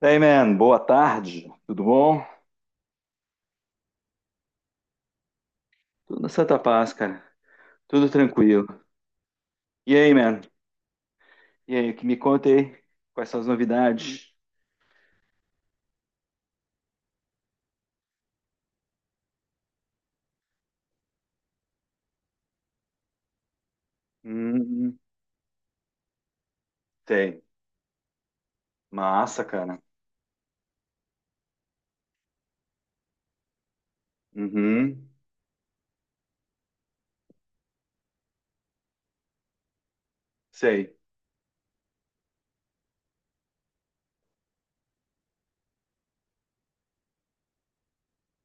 Hey man, boa tarde, tudo bom? Tudo na Santa Paz, cara, tudo tranquilo. E aí, man? E aí, que me conta aí? Quais são as novidades? Hum, sei. Massa, cara. Uhum, sei.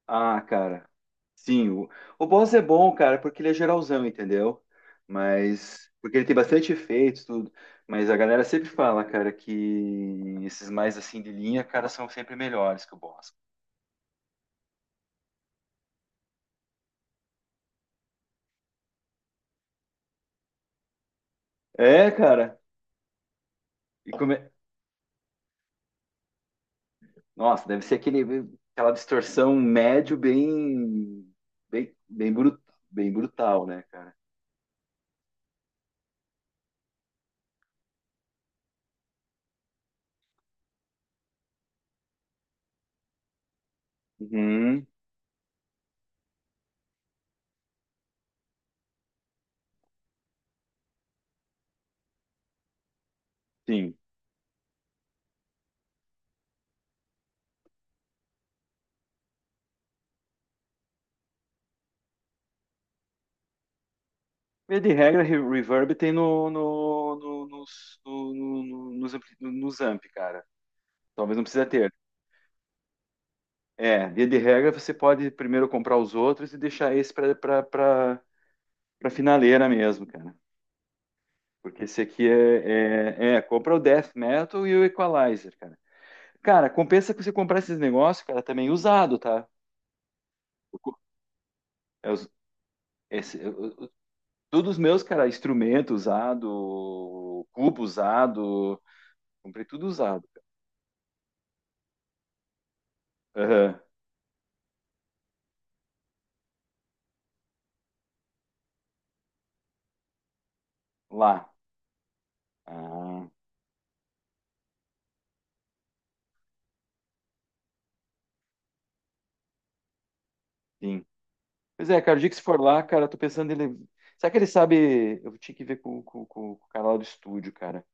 Ah, cara, sim, o boss é bom, cara, porque ele é geralzão, entendeu? Mas, porque ele tem bastante efeitos, tudo. Mas a galera sempre fala, cara, que esses mais assim de linha, cara, são sempre melhores que o boss. É, cara. E como é- Nossa, deve ser aquele, aquela distorção médio bem, bem, bem, bru- bem brutal, né, cara? Uhum, sim. Via de regra, reverb tem no, no, no- nos, no- no- no- nos, ampli- nos amp, cara. Talvez não precisa ter. É, via de regra, você pode primeiro comprar os outros e deixar esse pra finaleira mesmo, cara. Porque esse aqui é, compra o Death Metal e o Equalizer, cara. Cara, compensa que você comprar esses negócios, cara, também usado, tá? É os- esse- eu- Todos os meus, cara, instrumento usado, cubo usado, comprei tudo usado. Aham, lá. Ah, sim. Pois é, cara, o dia que se for lá, cara, eu tô pensando ele. Será que ele sabe? Eu tinha que ver com o cara lá do estúdio, cara.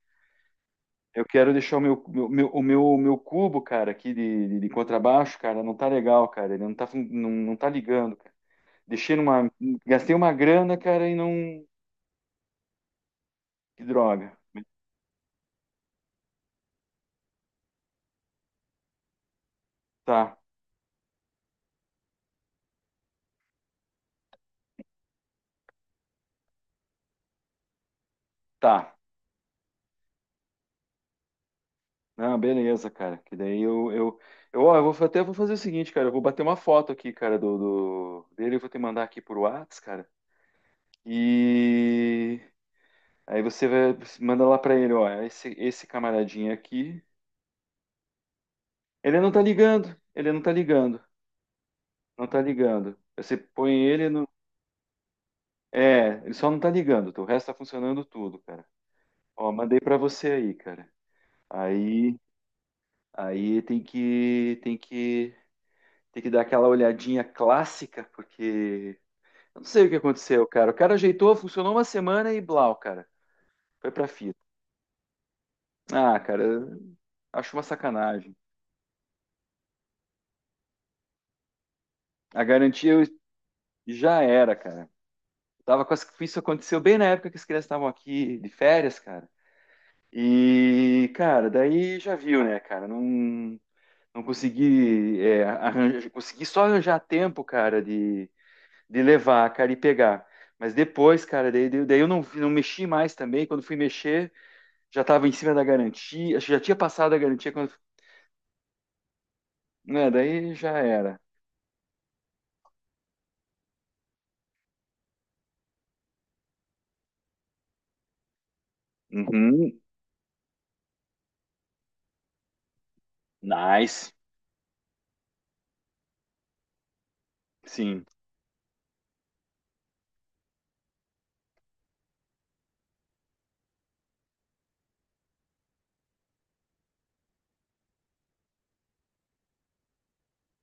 Eu quero deixar o meu cubo, cara, aqui de contrabaixo, cara, não tá legal, cara. Ele não tá, não tá ligando, cara. Deixei numa. Gastei uma grana, cara, e não. Que droga. Tá, tá. Ah, beleza, cara. Que daí eu, ó, até vou fazer o seguinte, cara. Eu vou bater uma foto aqui, cara, dele. Eu vou te mandar aqui por Whats, cara. E aí você manda lá pra ele, ó. Esse camaradinho aqui. Ele não tá ligando. Ele não tá ligando. Não tá ligando. Você põe ele no. É, ele só não tá ligando. Tá? O resto tá funcionando tudo, cara. Ó, mandei pra você aí, cara. Aí, aí tem que, tem que, tem que dar aquela olhadinha clássica, porque eu não sei o que aconteceu, cara. O cara ajeitou, funcionou uma semana e blau, cara. Foi pra fita. Ah, cara, eu acho uma sacanagem. A garantia eu- Já era, cara. Tava com as... isso aconteceu bem na época que as crianças estavam aqui de férias, cara. E, cara, daí já viu, né, cara? Não, não consegui, é, arranjar... consegui só arranjar tempo, cara, de levar, cara, e pegar. Mas depois, cara, daí eu não, não mexi mais também. Quando fui mexer, já estava em cima da garantia, acho que já tinha passado a garantia quando... é, daí já era. Uhum. Nice. Sim.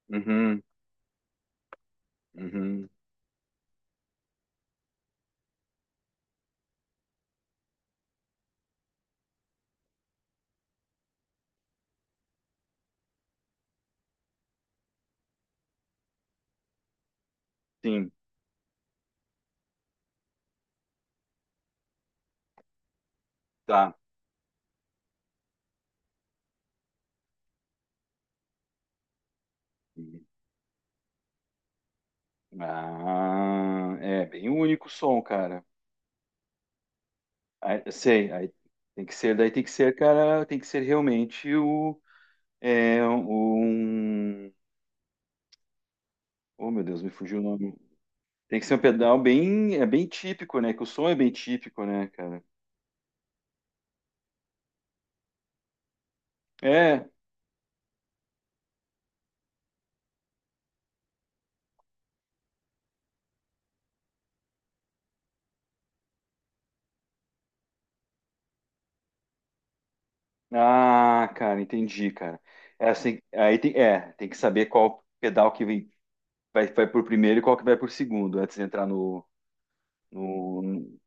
Uhum. Uhum. Sim. Tá. Ah, é bem único o som, cara. Aí, eu sei. Aí tem que ser, daí tem que ser, cara, tem que ser realmente o é um. Oh, meu Deus, me fugiu o nome. Tem que ser um pedal bem, é bem típico, né? Que o som é bem típico, né, cara? É. Ah, cara, entendi, cara. É assim, aí tem, é, tem que saber qual pedal que vem, vai por primeiro e qual que vai por segundo, antes de entrar no. No...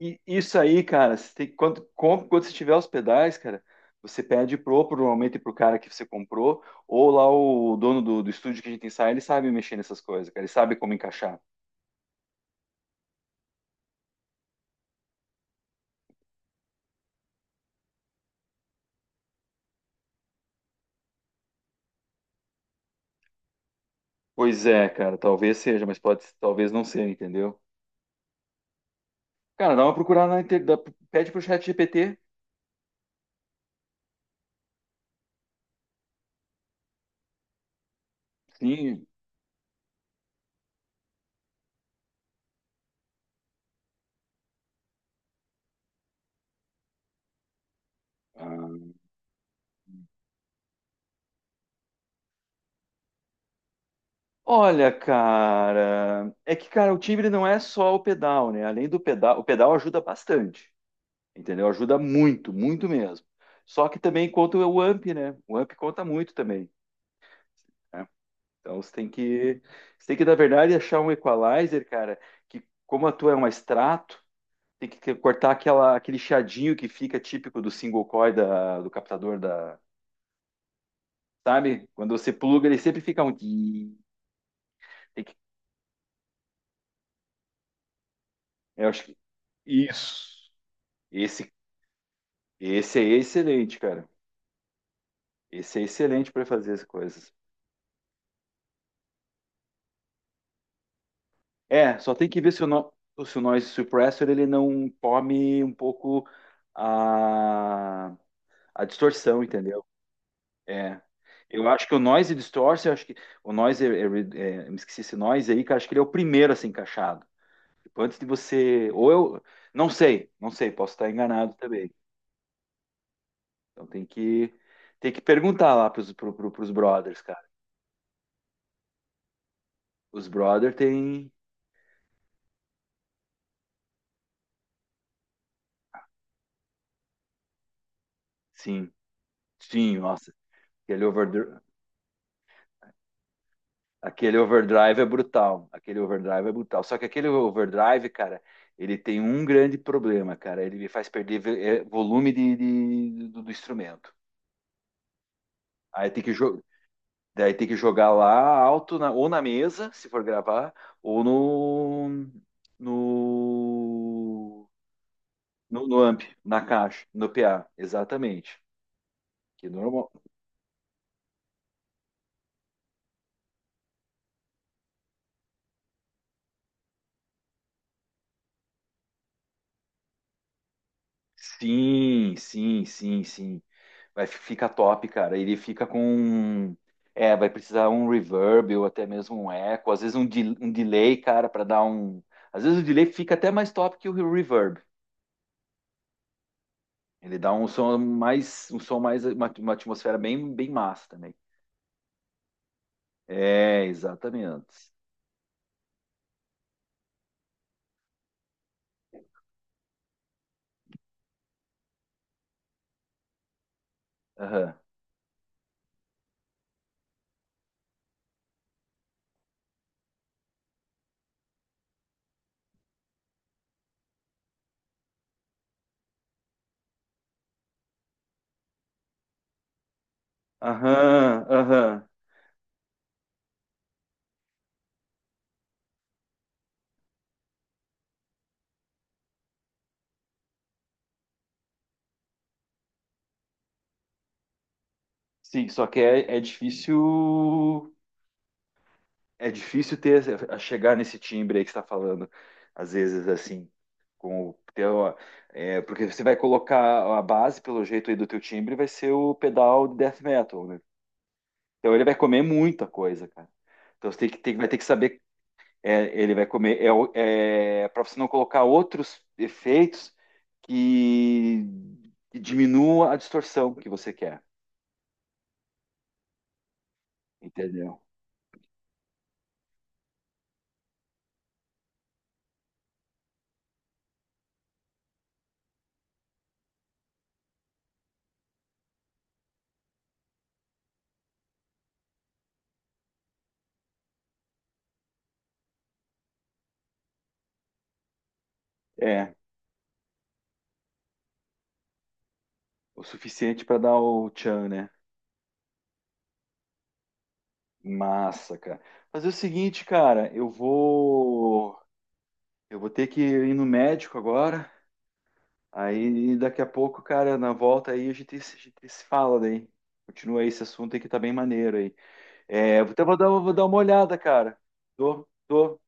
E isso aí, cara, você tem, quando, quando você tiver os pedais, cara, você pede pro, normalmente pro cara que você comprou, ou lá o dono do estúdio que a gente ensaia, ele sabe mexer nessas coisas, cara, ele sabe como encaixar. Pois é, cara, talvez seja, mas pode, talvez não seja, entendeu? Cara, dá uma procurada na inter... pede pro chat GPT. Sim. Ah. Olha, cara, o timbre não é só o pedal, né? Além do pedal, o pedal ajuda bastante. Entendeu? Ajuda muito, muito mesmo. Só que também conta o AMP, né? O AMP conta muito também. Né? Então você tem que, você tem que, na verdade, achar um equalizer, cara, que como a tua é um extrato, tem que cortar aquela, aquele chiadinho que fica típico do single coil do captador da, sabe? Quando você pluga, ele sempre fica um. Tem que- Eu acho que isso. Esse, esse é excelente, cara. Esse é excelente para fazer as coisas. É, só tem que ver se o, no, se o noise suppressor ele não tome um pouco a, a distorção, entendeu? É. Eu acho que o noise distorce, eu acho que o noise, me esqueci esse noise aí, que eu acho que ele é o primeiro a ser encaixado. Tipo, antes de você, ou eu, não sei, não sei, posso estar enganado também. Então tem que perguntar lá pros brothers, cara. Os brothers tem, sim, sim, nossa, aquele over, aquele overdrive é brutal. Aquele overdrive é brutal. Só que aquele overdrive, cara, ele tem um grande problema, cara. Ele me faz perder volume do, do instrumento. Aí daí tem que jogar lá alto, ou na mesa, se for gravar, ou no, no amp, na caixa, no PA. Exatamente. Que normal. Sim, sim, sim, sim. Vai, fica top, cara. Ele fica com. Um, é, vai precisar um reverb ou até mesmo um eco, às vezes um delay, cara, para dar um. Às vezes o delay fica até mais top que o reverb. Ele dá um som mais, uma atmosfera bem, bem massa também. É, exatamente. Aham, aham, aham. Sim, só que é, é difícil ter a chegar nesse timbre aí que você está falando, às vezes assim, com o teu, é, porque você vai colocar a base pelo jeito aí do teu timbre vai ser o pedal de death metal, né? Então ele vai comer muita coisa, cara. Então você tem que tem- Vai ter que saber, é, ele vai comer é, é, para você não colocar outros efeitos que, que diminua a distorção que você quer, entendeu? É o suficiente para dar o tchan, né? Massa, cara. Fazer o seguinte, cara, eu vou ter que ir no médico agora. Aí daqui a pouco, cara, na volta aí a gente se fala daí. Continua aí esse assunto aí que tá bem maneiro aí. É, eu até vou dar uma olhada, cara. Tô, tô.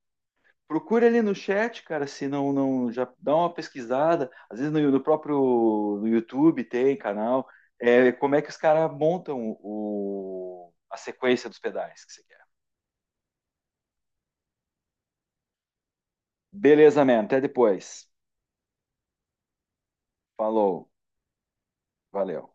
Procura ali no chat, cara, se não, não, já dá uma pesquisada. Às vezes no YouTube tem canal. É, como é que os caras montam o, a sequência dos pedais que você quer. Beleza, man. Até depois. Falou, valeu.